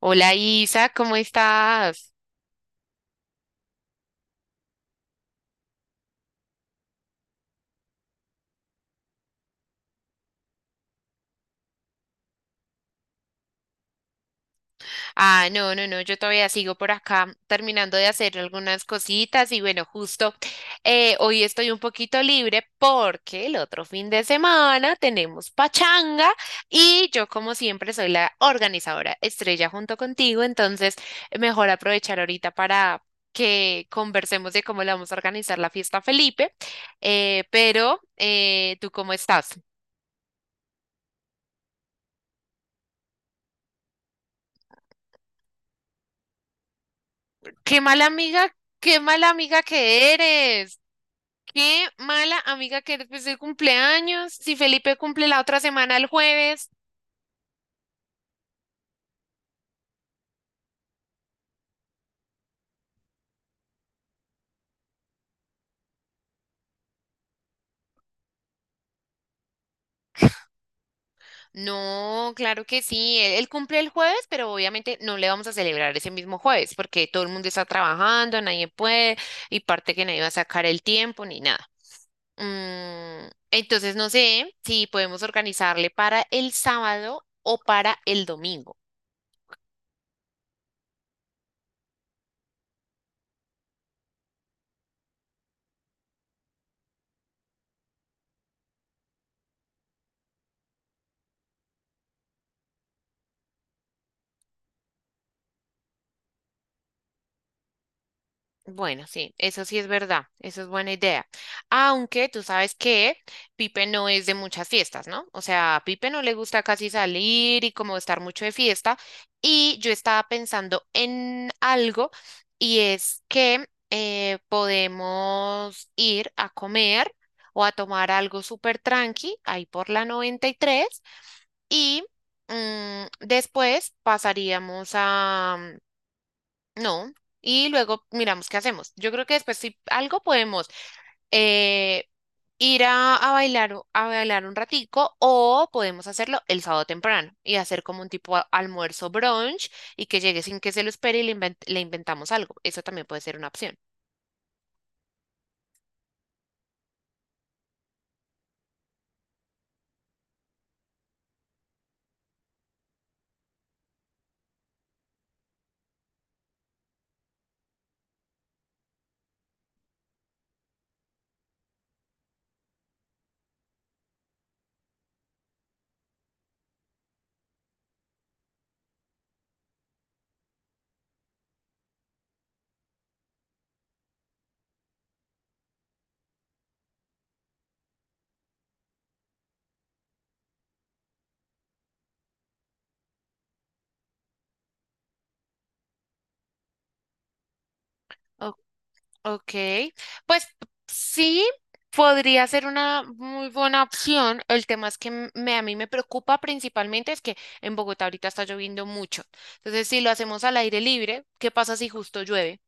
Hola Isa, ¿cómo estás? Ah, no, no, no, yo todavía sigo por acá terminando de hacer algunas cositas y bueno, justo hoy estoy un poquito libre porque el otro fin de semana tenemos pachanga y yo como siempre soy la organizadora estrella junto contigo, entonces mejor aprovechar ahorita para que conversemos de cómo le vamos a organizar la fiesta a Felipe, pero ¿tú cómo estás? Qué mala amiga, qué mala amiga que eres. Qué mala amiga que eres. Pues el cumpleaños. Si Felipe cumple la otra semana el jueves. No, claro que sí. Él cumple el jueves, pero obviamente no le vamos a celebrar ese mismo jueves porque todo el mundo está trabajando, nadie puede y parte que nadie va a sacar el tiempo ni nada. Entonces no sé si podemos organizarle para el sábado o para el domingo. Bueno, sí, eso sí es verdad, eso es buena idea. Aunque tú sabes que Pipe no es de muchas fiestas, ¿no? O sea, a Pipe no le gusta casi salir y como estar mucho de fiesta. Y yo estaba pensando en algo y es que podemos ir a comer o a tomar algo súper tranqui ahí por la 93 y tres y después pasaríamos a no. Y luego miramos qué hacemos. Yo creo que después si algo podemos eh, ir a bailar, a bailar un ratico o podemos hacerlo el sábado temprano y hacer como un tipo almuerzo brunch y que llegue sin que se lo espere y le, le inventamos algo. Eso también puede ser una opción. Ok, pues sí, podría ser una muy buena opción. El tema es que a mí me preocupa principalmente es que en Bogotá ahorita está lloviendo mucho. Entonces, si lo hacemos al aire libre, ¿qué pasa si justo llueve?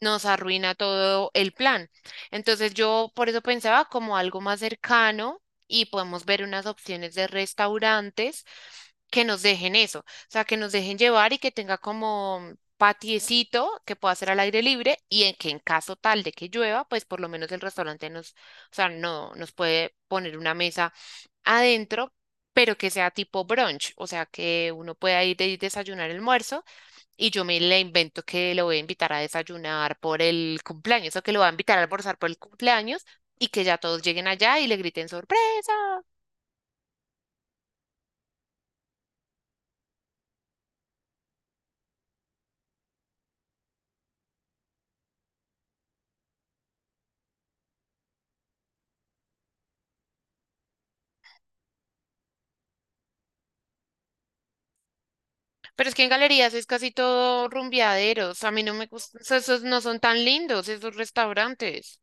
Nos arruina todo el plan. Entonces yo por eso pensaba como algo más cercano y podemos ver unas opciones de restaurantes que nos dejen eso, o sea, que nos dejen llevar y que tenga como patiecito que pueda ser al aire libre y en que en caso tal de que llueva, pues por lo menos el restaurante nos, o sea, no nos puede poner una mesa adentro, pero que sea tipo brunch, o sea, que uno pueda ir de desayunar, almuerzo y yo me le invento que lo voy a invitar a desayunar por el cumpleaños o que lo voy a invitar a almorzar por el cumpleaños y que ya todos lleguen allá y le griten sorpresa. Pero es que en galerías es casi todo rumbeaderos. A mí no me gustan, esos no son tan lindos esos restaurantes.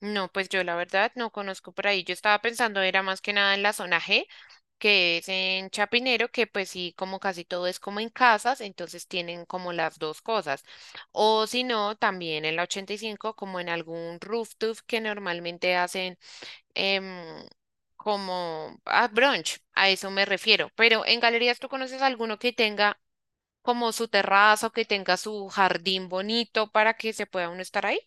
No, pues yo la verdad no conozco por ahí. Yo estaba pensando era más que nada en la zona G, que es en Chapinero, que pues sí, como casi todo es como en casas, entonces tienen como las dos cosas. O si no, también en la 85, como en algún rooftop que normalmente hacen em, como brunch, a eso me refiero. Pero en galerías, ¿tú conoces alguno que tenga como su terraza o que tenga su jardín bonito para que se pueda uno estar ahí?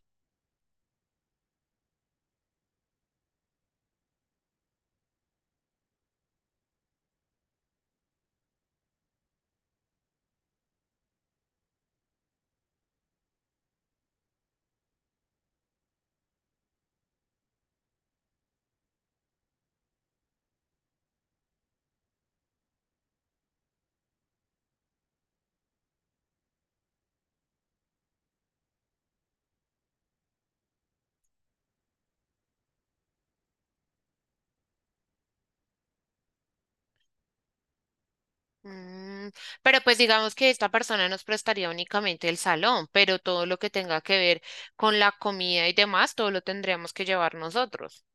Mm, pero pues digamos que esta persona nos prestaría únicamente el salón, pero todo lo que tenga que ver con la comida y demás, todo lo tendríamos que llevar nosotros.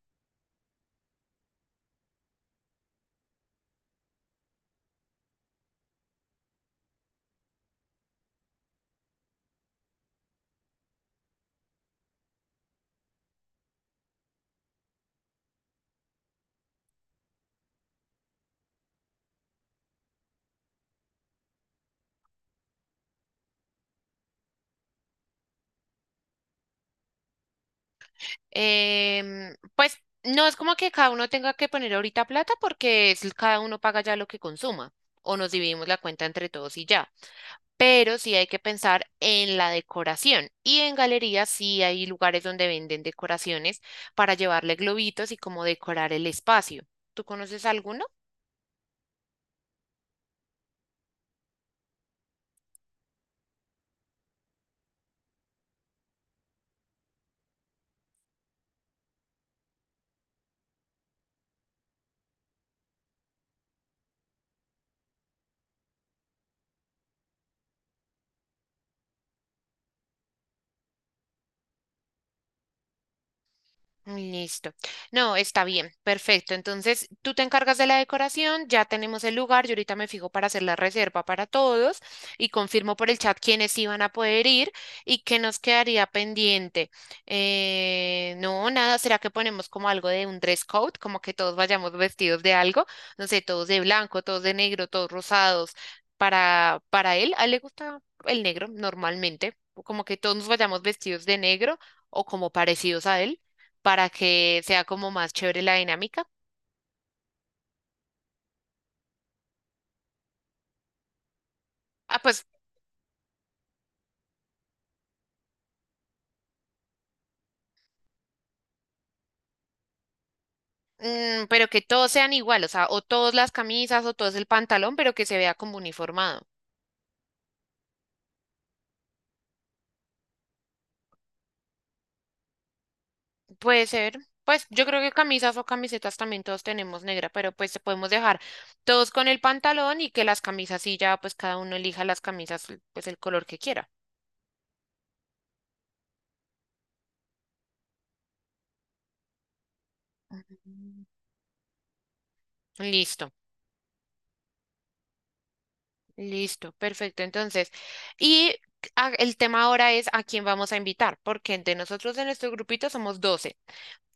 Pues no es como que cada uno tenga que poner ahorita plata porque es, cada uno paga ya lo que consuma o nos dividimos la cuenta entre todos y ya. Pero sí hay que pensar en la decoración y en galerías sí hay lugares donde venden decoraciones para llevarle globitos y como decorar el espacio. ¿Tú conoces alguno? Listo. No, está bien, perfecto. Entonces, tú te encargas de la decoración, ya tenemos el lugar, yo ahorita me fijo para hacer la reserva para todos y confirmo por el chat quiénes iban a poder ir y qué nos quedaría pendiente. No, nada, ¿será que ponemos como algo de un dress code? Como que todos vayamos vestidos de algo, no sé, todos de blanco, todos de negro, todos rosados. Para él, a él le gusta el negro normalmente, como que todos nos vayamos vestidos de negro o como parecidos a él para que sea como más chévere la dinámica. Ah, pues, pero que todos sean igual, o sea, o todas las camisas o todo el pantalón, pero que se vea como uniformado. Puede ser, pues yo creo que camisas o camisetas también todos tenemos negra, pero pues podemos dejar todos con el pantalón y que las camisas sí ya, pues cada uno elija las camisas, pues el color que quiera. Mm. Listo, listo, perfecto. Entonces, y el tema ahora es a quién vamos a invitar, porque entre nosotros de nuestro grupito somos 12.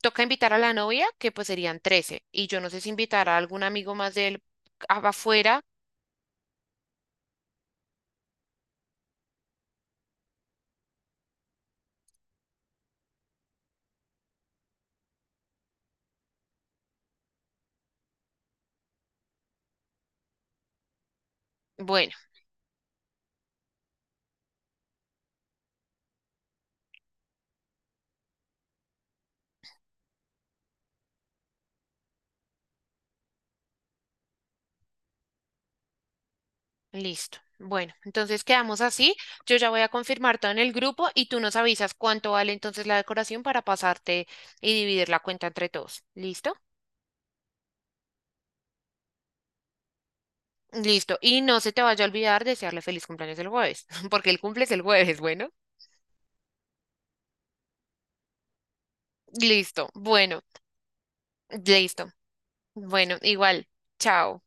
Toca invitar a la novia, que pues serían 13, y yo no sé si invitar a algún amigo más de él afuera. Bueno, listo. Bueno, entonces quedamos así. Yo ya voy a confirmar todo en el grupo y tú nos avisas cuánto vale entonces la decoración para pasarte y dividir la cuenta entre todos. ¿Listo? Listo. Y no se te vaya a olvidar desearle feliz cumpleaños el jueves, porque el cumple es el jueves, bueno. Listo. Bueno, listo. Bueno, igual. Chao.